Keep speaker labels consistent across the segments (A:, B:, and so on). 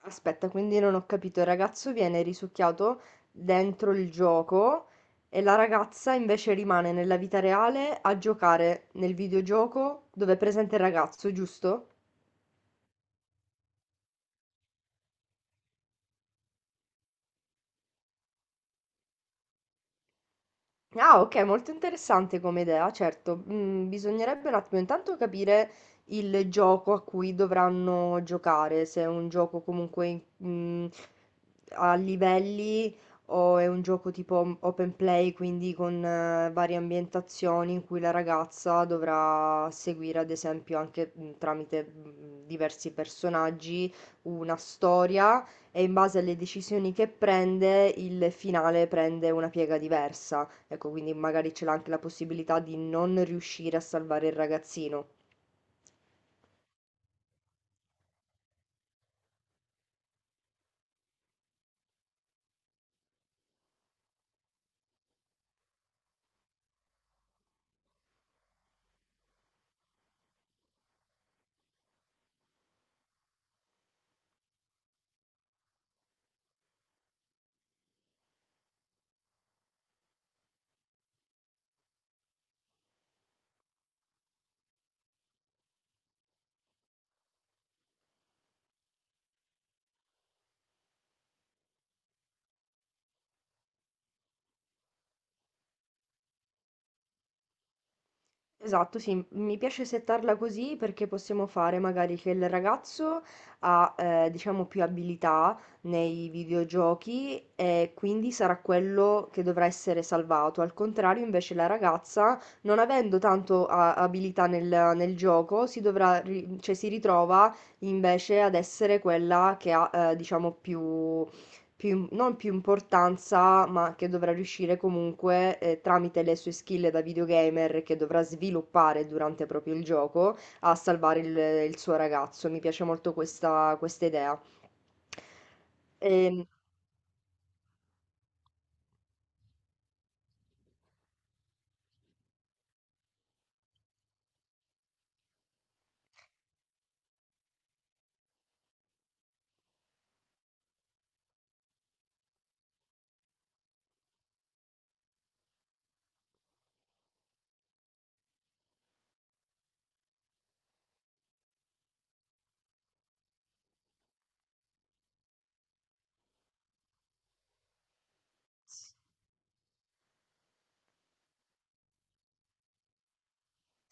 A: Aspetta, quindi non ho capito, il ragazzo viene risucchiato dentro il gioco e la ragazza invece rimane nella vita reale a giocare nel videogioco dove è presente il ragazzo, giusto? Ah, ok, molto interessante come idea, certo. Mm, bisognerebbe un attimo intanto capire il gioco a cui dovranno giocare, se è un gioco comunque a livelli o è un gioco tipo open play, quindi con varie ambientazioni in cui la ragazza dovrà seguire, ad esempio, anche tramite diversi personaggi una storia e in base alle decisioni che prende, il finale prende una piega diversa. Ecco, quindi magari c'è anche la possibilità di non riuscire a salvare il ragazzino. Esatto, sì, mi piace settarla così perché possiamo fare magari che il ragazzo ha, diciamo, più abilità nei videogiochi e quindi sarà quello che dovrà essere salvato. Al contrario, invece, la ragazza, non avendo tanto abilità nel gioco, si dovrà, cioè, si ritrova invece ad essere quella che ha, diciamo, più non più importanza, ma che dovrà riuscire comunque tramite le sue skill da videogamer che dovrà sviluppare durante proprio il gioco a salvare il suo ragazzo. Mi piace molto questa idea. Ehm,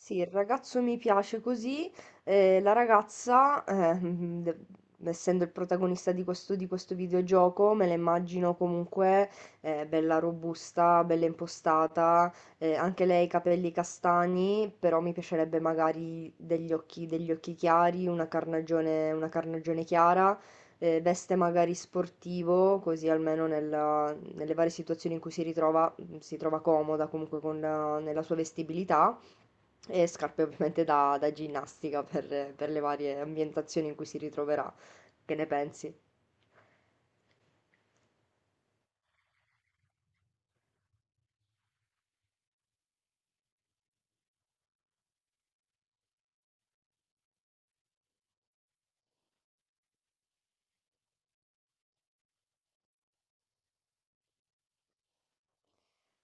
A: Sì, il ragazzo mi piace così, la ragazza, essendo il protagonista di di questo videogioco, me la immagino comunque bella robusta, bella impostata, anche lei capelli castani, però mi piacerebbe magari degli degli occhi chiari, una una carnagione chiara, veste magari sportivo, così almeno nelle varie situazioni in cui si ritrova, si trova comoda comunque con nella sua vestibilità e scarpe ovviamente da ginnastica per le varie ambientazioni in cui si ritroverà. Che ne pensi?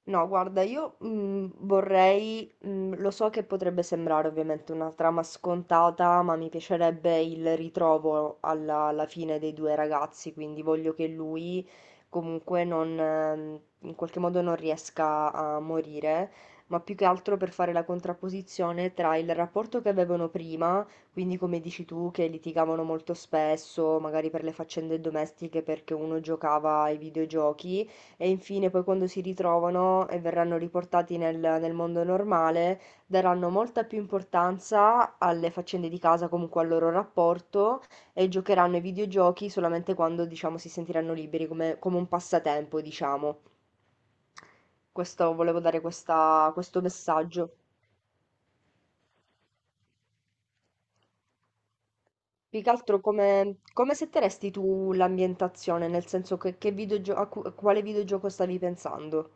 A: No, guarda, io vorrei, lo so che potrebbe sembrare ovviamente una trama scontata, ma mi piacerebbe il ritrovo alla fine dei due ragazzi, quindi voglio che lui comunque non, in qualche modo non riesca a morire, ma più che altro per fare la contrapposizione tra il rapporto che avevano prima, quindi come dici tu, che litigavano molto spesso, magari per le faccende domestiche, perché uno giocava ai videogiochi e infine poi quando si ritrovano e verranno riportati nel mondo normale, daranno molta più importanza alle faccende di casa, comunque al loro rapporto, e giocheranno ai videogiochi solamente quando, diciamo, si sentiranno liberi, come, come un passatempo, diciamo. Questo, volevo dare questo messaggio. Più che altro come setteresti tu l'ambientazione, nel senso che a quale videogioco stavi pensando?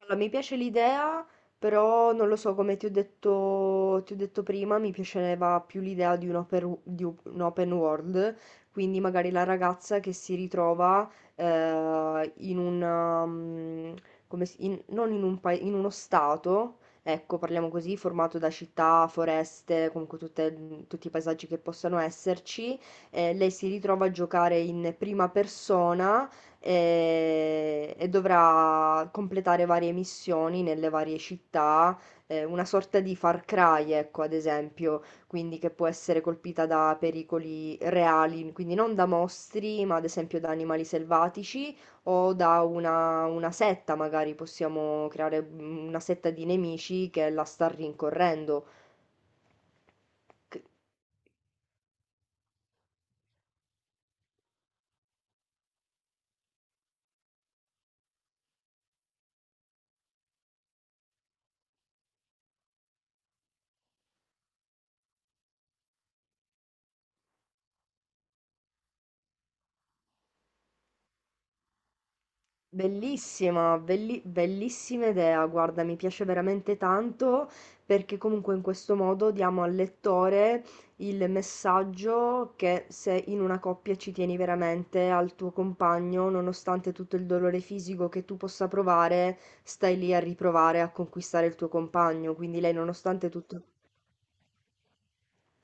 A: Allora, mi piace l'idea, però non lo so, come ti ho detto prima, mi piaceva più l'idea di un di un open world, quindi magari la ragazza che si ritrova in un, mm, non in un paese, in uno stato, ecco, parliamo così, formato da città, foreste, comunque tutti i paesaggi che possano esserci, lei si ritrova a giocare in prima persona e dovrà completare varie missioni nelle varie città, una sorta di Far Cry, ecco, ad esempio, quindi che può essere colpita da pericoli reali, quindi non da mostri, ma ad esempio da animali selvatici o da una setta, magari possiamo creare una setta di nemici che la sta rincorrendo. Bellissima, bellissima idea, guarda, mi piace veramente tanto perché comunque in questo modo diamo al lettore il messaggio che se in una coppia ci tieni veramente al tuo compagno, nonostante tutto il dolore fisico che tu possa provare, stai lì a riprovare a conquistare il tuo compagno. Quindi lei, nonostante tutto.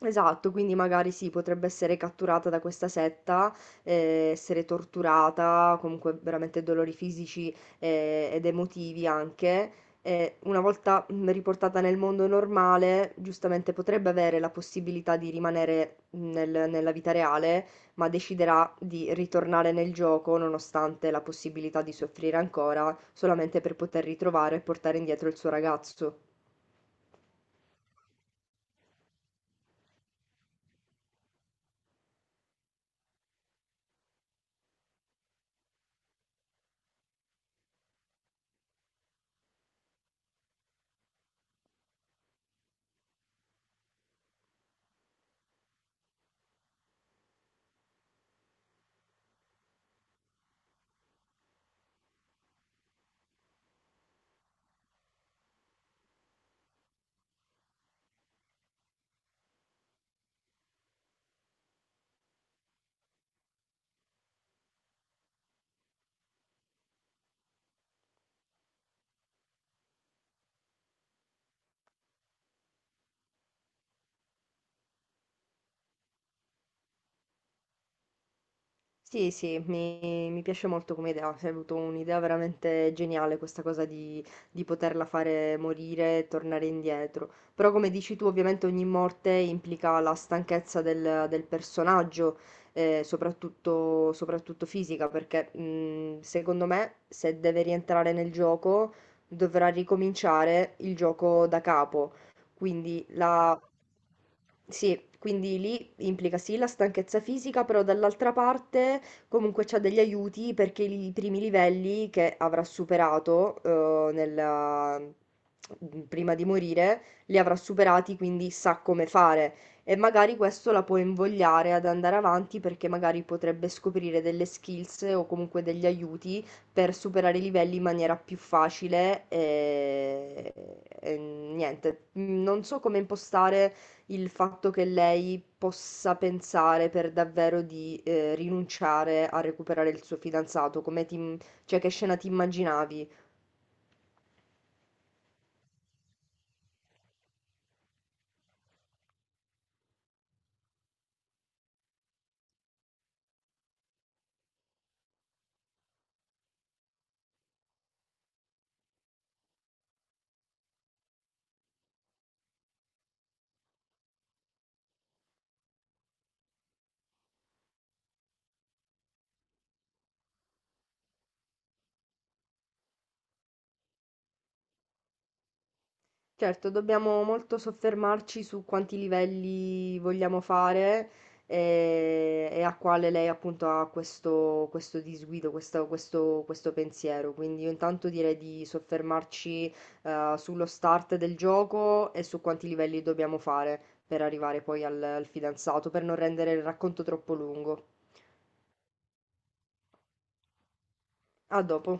A: Esatto, quindi magari sì, potrebbe essere catturata da questa setta, essere torturata, comunque veramente dolori fisici, ed emotivi anche. E una volta riportata nel mondo normale, giustamente potrebbe avere la possibilità di rimanere nella vita reale, ma deciderà di ritornare nel gioco, nonostante la possibilità di soffrire ancora, solamente per poter ritrovare e portare indietro il suo ragazzo. Sì, sì, mi piace molto come idea, hai avuto un'idea veramente geniale questa cosa di poterla fare morire e tornare indietro. Però come dici tu, ovviamente ogni morte implica la stanchezza del personaggio, soprattutto fisica, perché secondo me se deve rientrare nel gioco dovrà ricominciare il gioco da capo. Quindi la... Sì, quindi lì implica sì la stanchezza fisica, però dall'altra parte comunque c'ha degli aiuti perché i primi livelli che avrà superato prima di morire li avrà superati, quindi sa come fare e magari questo la può invogliare ad andare avanti perché magari potrebbe scoprire delle skills o comunque degli aiuti per superare i livelli in maniera più facile. E niente, non so come impostare il fatto che lei possa pensare per davvero di rinunciare a recuperare il suo fidanzato, cioè che scena ti immaginavi? Certo, dobbiamo molto soffermarci su quanti livelli vogliamo fare a quale lei appunto ha questo, questo disguido, questo pensiero. Quindi io intanto direi di soffermarci sullo start del gioco e su quanti livelli dobbiamo fare per arrivare poi al fidanzato, per non rendere il racconto troppo lungo. A dopo.